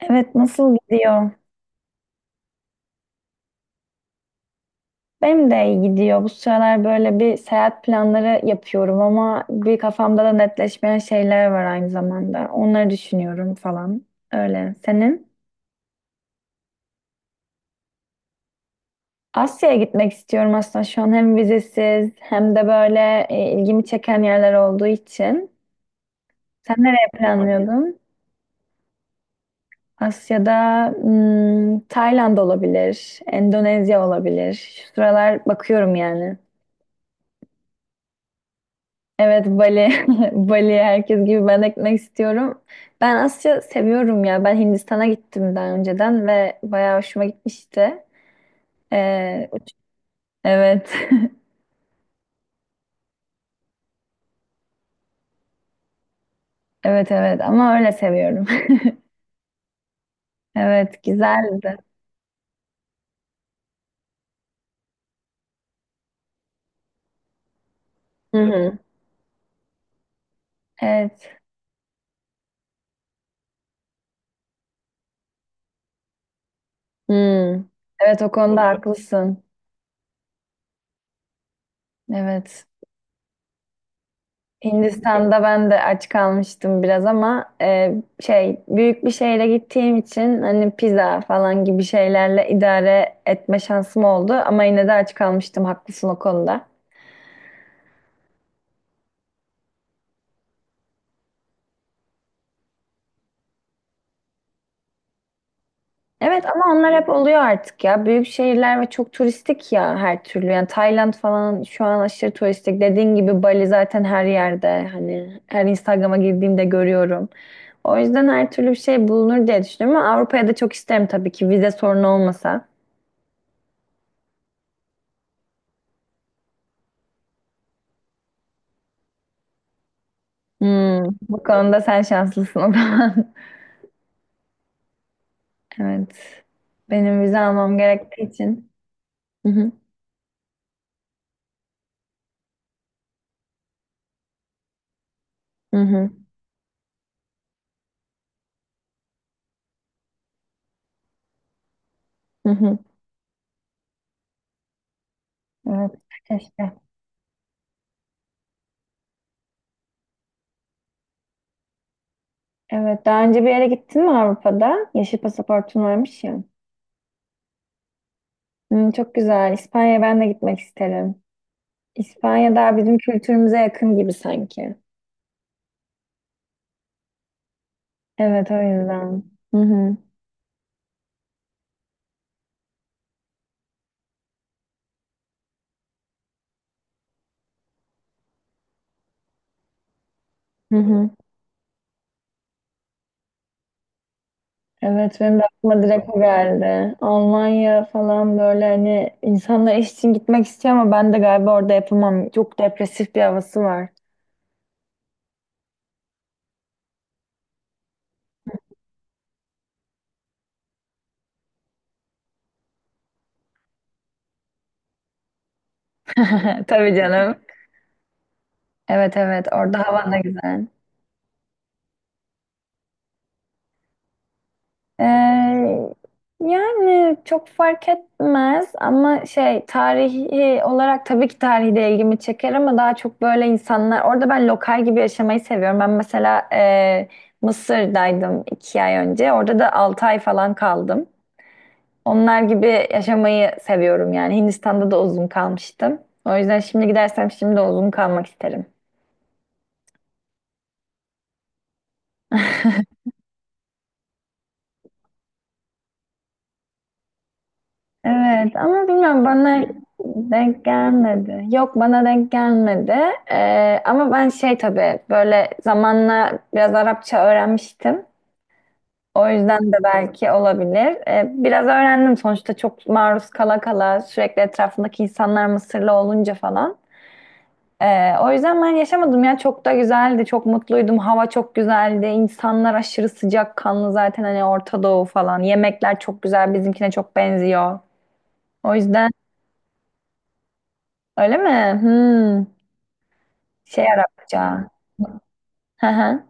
Evet nasıl gidiyor? Benim de iyi gidiyor. Bu sıralar böyle bir seyahat planları yapıyorum ama bir kafamda da netleşmeyen şeyler var aynı zamanda. Onları düşünüyorum falan. Öyle. Senin? Asya'ya gitmek istiyorum aslında şu an hem vizesiz hem de böyle ilgimi çeken yerler olduğu için. Sen nereye planlıyordun? Asya'da Tayland olabilir, Endonezya olabilir. Şu sıralar bakıyorum yani. Evet Bali, Bali herkes gibi ben de gitmek istiyorum. Ben Asya seviyorum ya. Ben Hindistan'a gittim daha önceden ve bayağı hoşuma gitmişti. Ee, evet, evet evet ama öyle seviyorum. Evet güzeldi. Hı hı. Evet. Hmm. Evet o konuda haklısın. Evet. Hindistan'da ben de aç kalmıştım biraz ama şey büyük bir şeyle gittiğim için hani pizza falan gibi şeylerle idare etme şansım oldu ama yine de aç kalmıştım haklısın o konuda. Evet ama onlar hep oluyor artık ya büyük şehirler ve çok turistik ya her türlü yani Tayland falan şu an aşırı turistik dediğin gibi Bali zaten her yerde hani her Instagram'a girdiğimde görüyorum. O yüzden her türlü bir şey bulunur diye düşünüyorum ama Avrupa'ya da çok isterim tabii ki vize sorunu olmasa. Hmm, bu konuda sen şanslısın o zaman. Evet. Benim vize almam gerektiği için. Hı hı, hı hı, hı hı. Evet, keşke. Evet, daha önce bir yere gittin mi Avrupa'da? Yeşil pasaportun varmış ya. Çok güzel. İspanya'ya ben de gitmek isterim. İspanya daha bizim kültürümüze yakın gibi sanki. Evet, o yüzden. Hı hı, hı hı. Evet benim de aklıma direkt o geldi. Almanya falan böyle hani insanlar iş için gitmek istiyor ama ben de galiba orada yapamam. Çok depresif bir havası var. Tabii canım. Evet evet orada hava da güzel. Ee, yani çok fark etmez ama şey tarihi olarak tabii ki tarihi de ilgimi çeker ama daha çok böyle insanlar orada ben lokal gibi yaşamayı seviyorum. Ben mesela Mısır'daydım 2 ay önce. Orada da 6 ay falan kaldım. Onlar gibi yaşamayı seviyorum yani. Hindistan'da da uzun kalmıştım. O yüzden şimdi gidersem şimdi de uzun kalmak isterim. Evet ama bilmiyorum bana denk gelmedi. Yok bana denk gelmedi. Ama ben şey tabii böyle zamanla biraz Arapça öğrenmiştim. O yüzden de belki olabilir. Biraz öğrendim sonuçta çok maruz kala kala sürekli etrafındaki insanlar Mısırlı olunca falan. O yüzden ben yaşamadım ya çok da güzeldi çok mutluydum hava çok güzeldi insanlar aşırı sıcakkanlı zaten hani Orta Doğu falan yemekler çok güzel bizimkine çok benziyor o yüzden. Öyle mi? Hmm. Şey Arapça. Hı hı.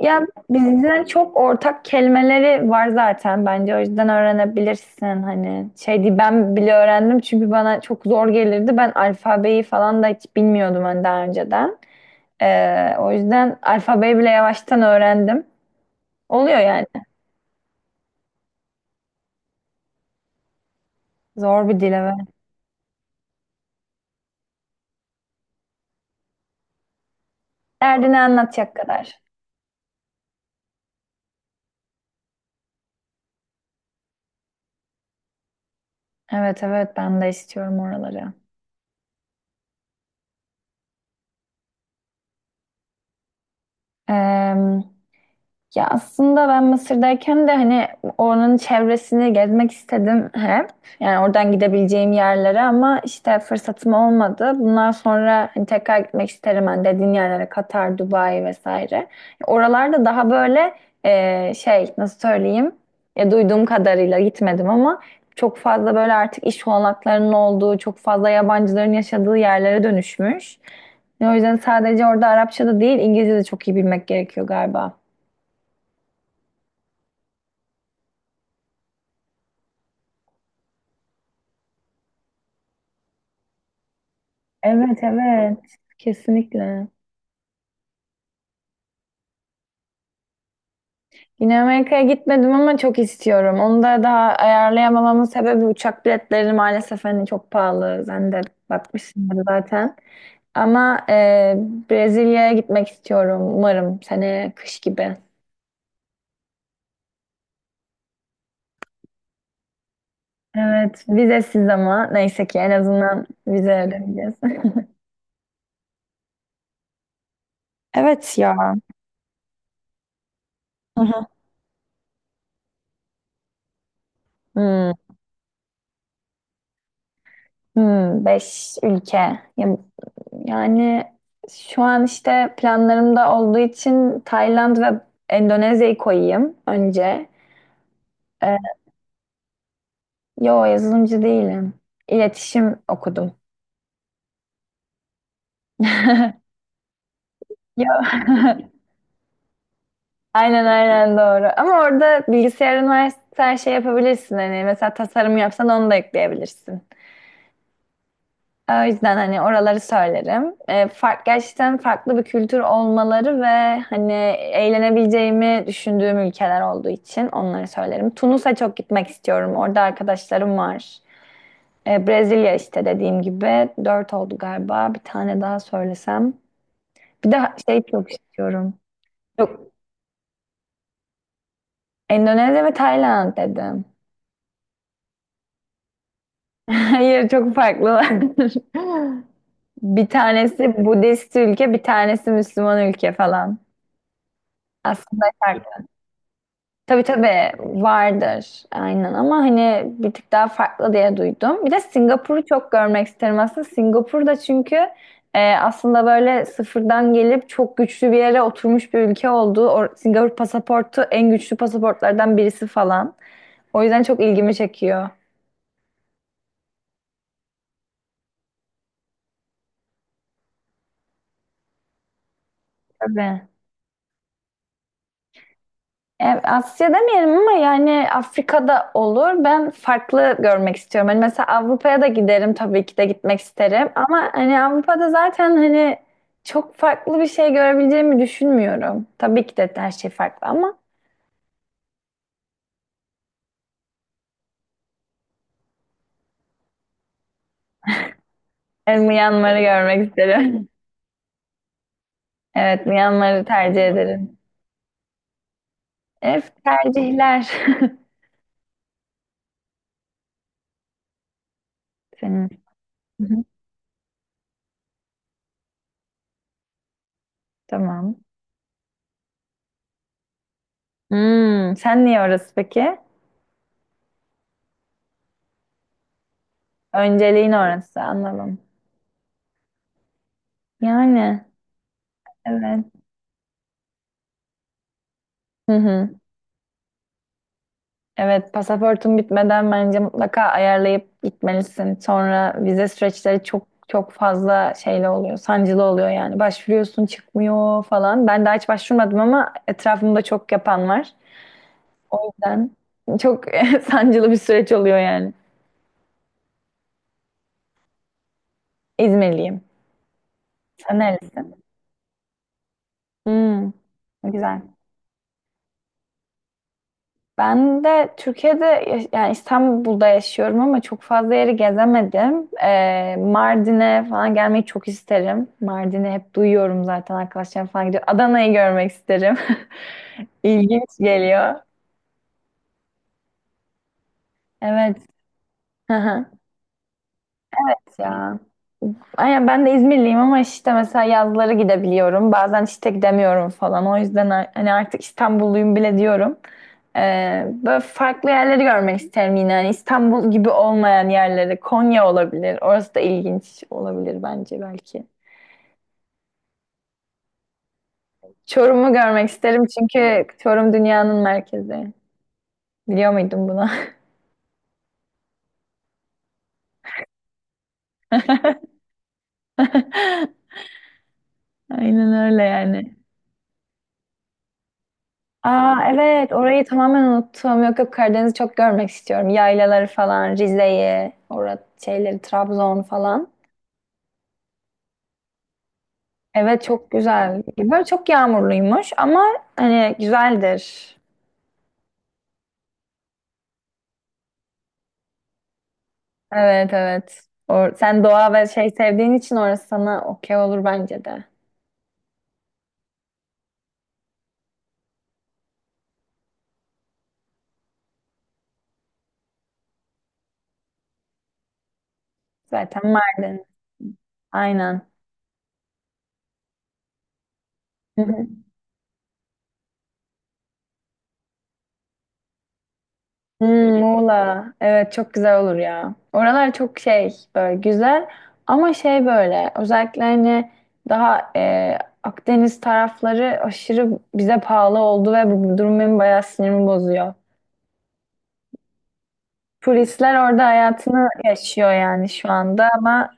Ya bizden çok ortak kelimeleri var zaten bence o yüzden öğrenebilirsin hani. Şey değil, ben bile öğrendim çünkü bana çok zor gelirdi. Ben alfabeyi falan da hiç bilmiyordum hani daha önceden. O yüzden alfabeyi bile yavaştan öğrendim. Oluyor yani. Zor bir dil evet. Derdini anlatacak kadar. Evet evet ben de istiyorum oraları. Ee, Ya aslında ben Mısır'dayken de hani oranın çevresini gezmek istedim hep. Yani oradan gidebileceğim yerlere ama işte fırsatım olmadı. Bundan sonra hani tekrar gitmek isterim hani dediğin yerlere Katar, Dubai vesaire. Oralarda daha böyle şey nasıl söyleyeyim ya duyduğum kadarıyla gitmedim ama çok fazla böyle artık iş olanaklarının olduğu, çok fazla yabancıların yaşadığı yerlere dönüşmüş. O yüzden sadece orada Arapça da değil İngilizce de çok iyi bilmek gerekiyor galiba. Evet evet kesinlikle. Yine Amerika'ya gitmedim ama çok istiyorum. Onu da daha ayarlayamamamın sebebi uçak biletleri maalesef hani çok pahalı. Sen de bakmışsındır zaten. Ama Brezilya'ya gitmek istiyorum umarım sene kış gibi. Evet vizesiz ama neyse ki en azından vize ödemeyeceğiz. Evet ya. Hı hı. Hmm. Beş ülke. Ya- Yani şu an işte planlarımda olduğu için Tayland ve Endonezya'yı koyayım önce. Ee, yo yazılımcı değilim. İletişim okudum. Yo. Aynen aynen doğru. Ama orada bilgisayarın varsa her şey yapabilirsin. Hani mesela tasarım yapsan onu da ekleyebilirsin. O yüzden hani oraları söylerim. Gerçekten farklı bir kültür olmaları ve hani eğlenebileceğimi düşündüğüm ülkeler olduğu için onları söylerim. Tunus'a çok gitmek istiyorum. Orada arkadaşlarım var. Brezilya işte dediğim gibi. Dört oldu galiba. Bir tane daha söylesem. Bir de şey çok istiyorum. Yok. Endonezya ve Tayland dedim. Hayır çok farklılar. Bir tanesi Budist ülke, bir tanesi Müslüman ülke falan. Aslında farklı. Tabii tabii vardır aynen ama hani bir tık daha farklı diye duydum. Bir de Singapur'u çok görmek isterim aslında. Singapur'da çünkü aslında böyle sıfırdan gelip çok güçlü bir yere oturmuş bir ülke olduğu. O, Singapur pasaportu en güçlü pasaportlardan birisi falan. O yüzden çok ilgimi çekiyor. Tabii. Asya demeyelim ama yani Afrika'da olur. Ben farklı görmek istiyorum. Hani mesela Avrupa'ya da giderim tabii ki de gitmek isterim. Ama hani Avrupa'da zaten hani çok farklı bir şey görebileceğimi düşünmüyorum. Tabii ki de her şey farklı ama yani Myanmar'ı görmek isterim. Evet, Myanmar'ı tercih ederim. Evet, tercihler. Senin. Hı hı. Tamam. Sen niye orası peki? Önceliğin orası anladım. Yani evet. Hı hı. Evet, pasaportun bitmeden bence mutlaka ayarlayıp gitmelisin. Sonra vize süreçleri çok çok fazla şeyle oluyor, sancılı oluyor yani. Başvuruyorsun, çıkmıyor falan. Ben daha hiç başvurmadım ama etrafımda çok yapan var. O yüzden çok sancılı bir süreç oluyor yani. İzmirliyim. Sen nerelisin? Hmm, güzel. Ben de Türkiye'de yani İstanbul'da yaşıyorum ama çok fazla yeri gezemedim. Mardin'e falan gelmeyi çok isterim. Mardin'i hep duyuyorum zaten arkadaşlarım falan gidiyor. Adana'yı görmek isterim. İlginç geliyor. Evet. Hı hı. Ya. Aynen ben de İzmirliyim ama işte mesela yazları gidebiliyorum. Bazen işte gidemiyorum falan. O yüzden hani artık İstanbulluyum bile diyorum. Böyle farklı yerleri görmek isterim yine. Hani İstanbul gibi olmayan yerleri. Konya olabilir. Orası da ilginç olabilir bence belki. Çorum'u görmek isterim çünkü Çorum dünyanın merkezi. Biliyor muydun bunu? Aynen öyle yani. Aa evet orayı tamamen unuttum. Yok yok Karadeniz'i çok görmek istiyorum. Yaylaları falan, Rize'yi, orada şeyleri, Trabzon falan. Evet çok güzel. Böyle çok yağmurluymuş ama hani güzeldir. Evet evet. Or sen doğa ve şey sevdiğin için orası sana okey olur bence de. Zaten Mardin. Aynen. Hmm, Muğla. Evet çok güzel olur ya. Oralar çok şey böyle güzel ama şey böyle özellikle hani daha Akdeniz tarafları aşırı bize pahalı oldu ve bu durum benim bayağı sinirimi bozuyor. Turistler orada hayatını yaşıyor yani şu anda ama.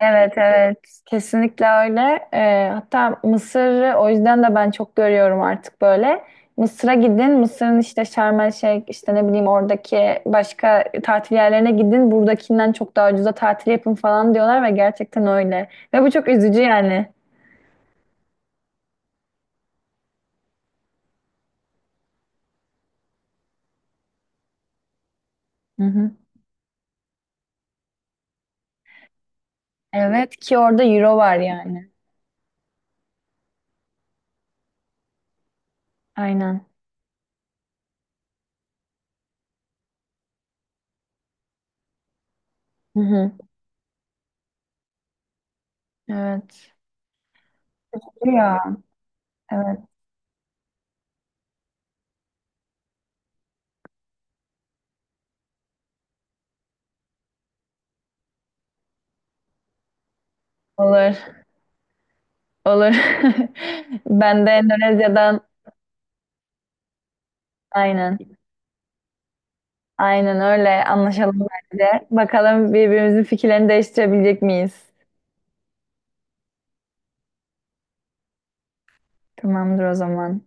Evet evet kesinlikle öyle. Hatta Mısır'ı o yüzden de ben çok görüyorum artık böyle. Mısır'a gidin, Mısır'ın işte Şarm El Şeyh, işte ne bileyim oradaki başka tatil yerlerine gidin, buradakinden çok daha ucuza tatil yapın falan diyorlar ve gerçekten öyle. Ve bu çok üzücü yani. Hı hı. Evet ki orada euro var yani. Aynen. Hı hı. Evet. Ya evet olur olur. Ben de Endonezya'dan aynen. Aynen öyle. Anlaşalım bence. Bakalım birbirimizin fikirlerini değiştirebilecek miyiz? Tamamdır o zaman.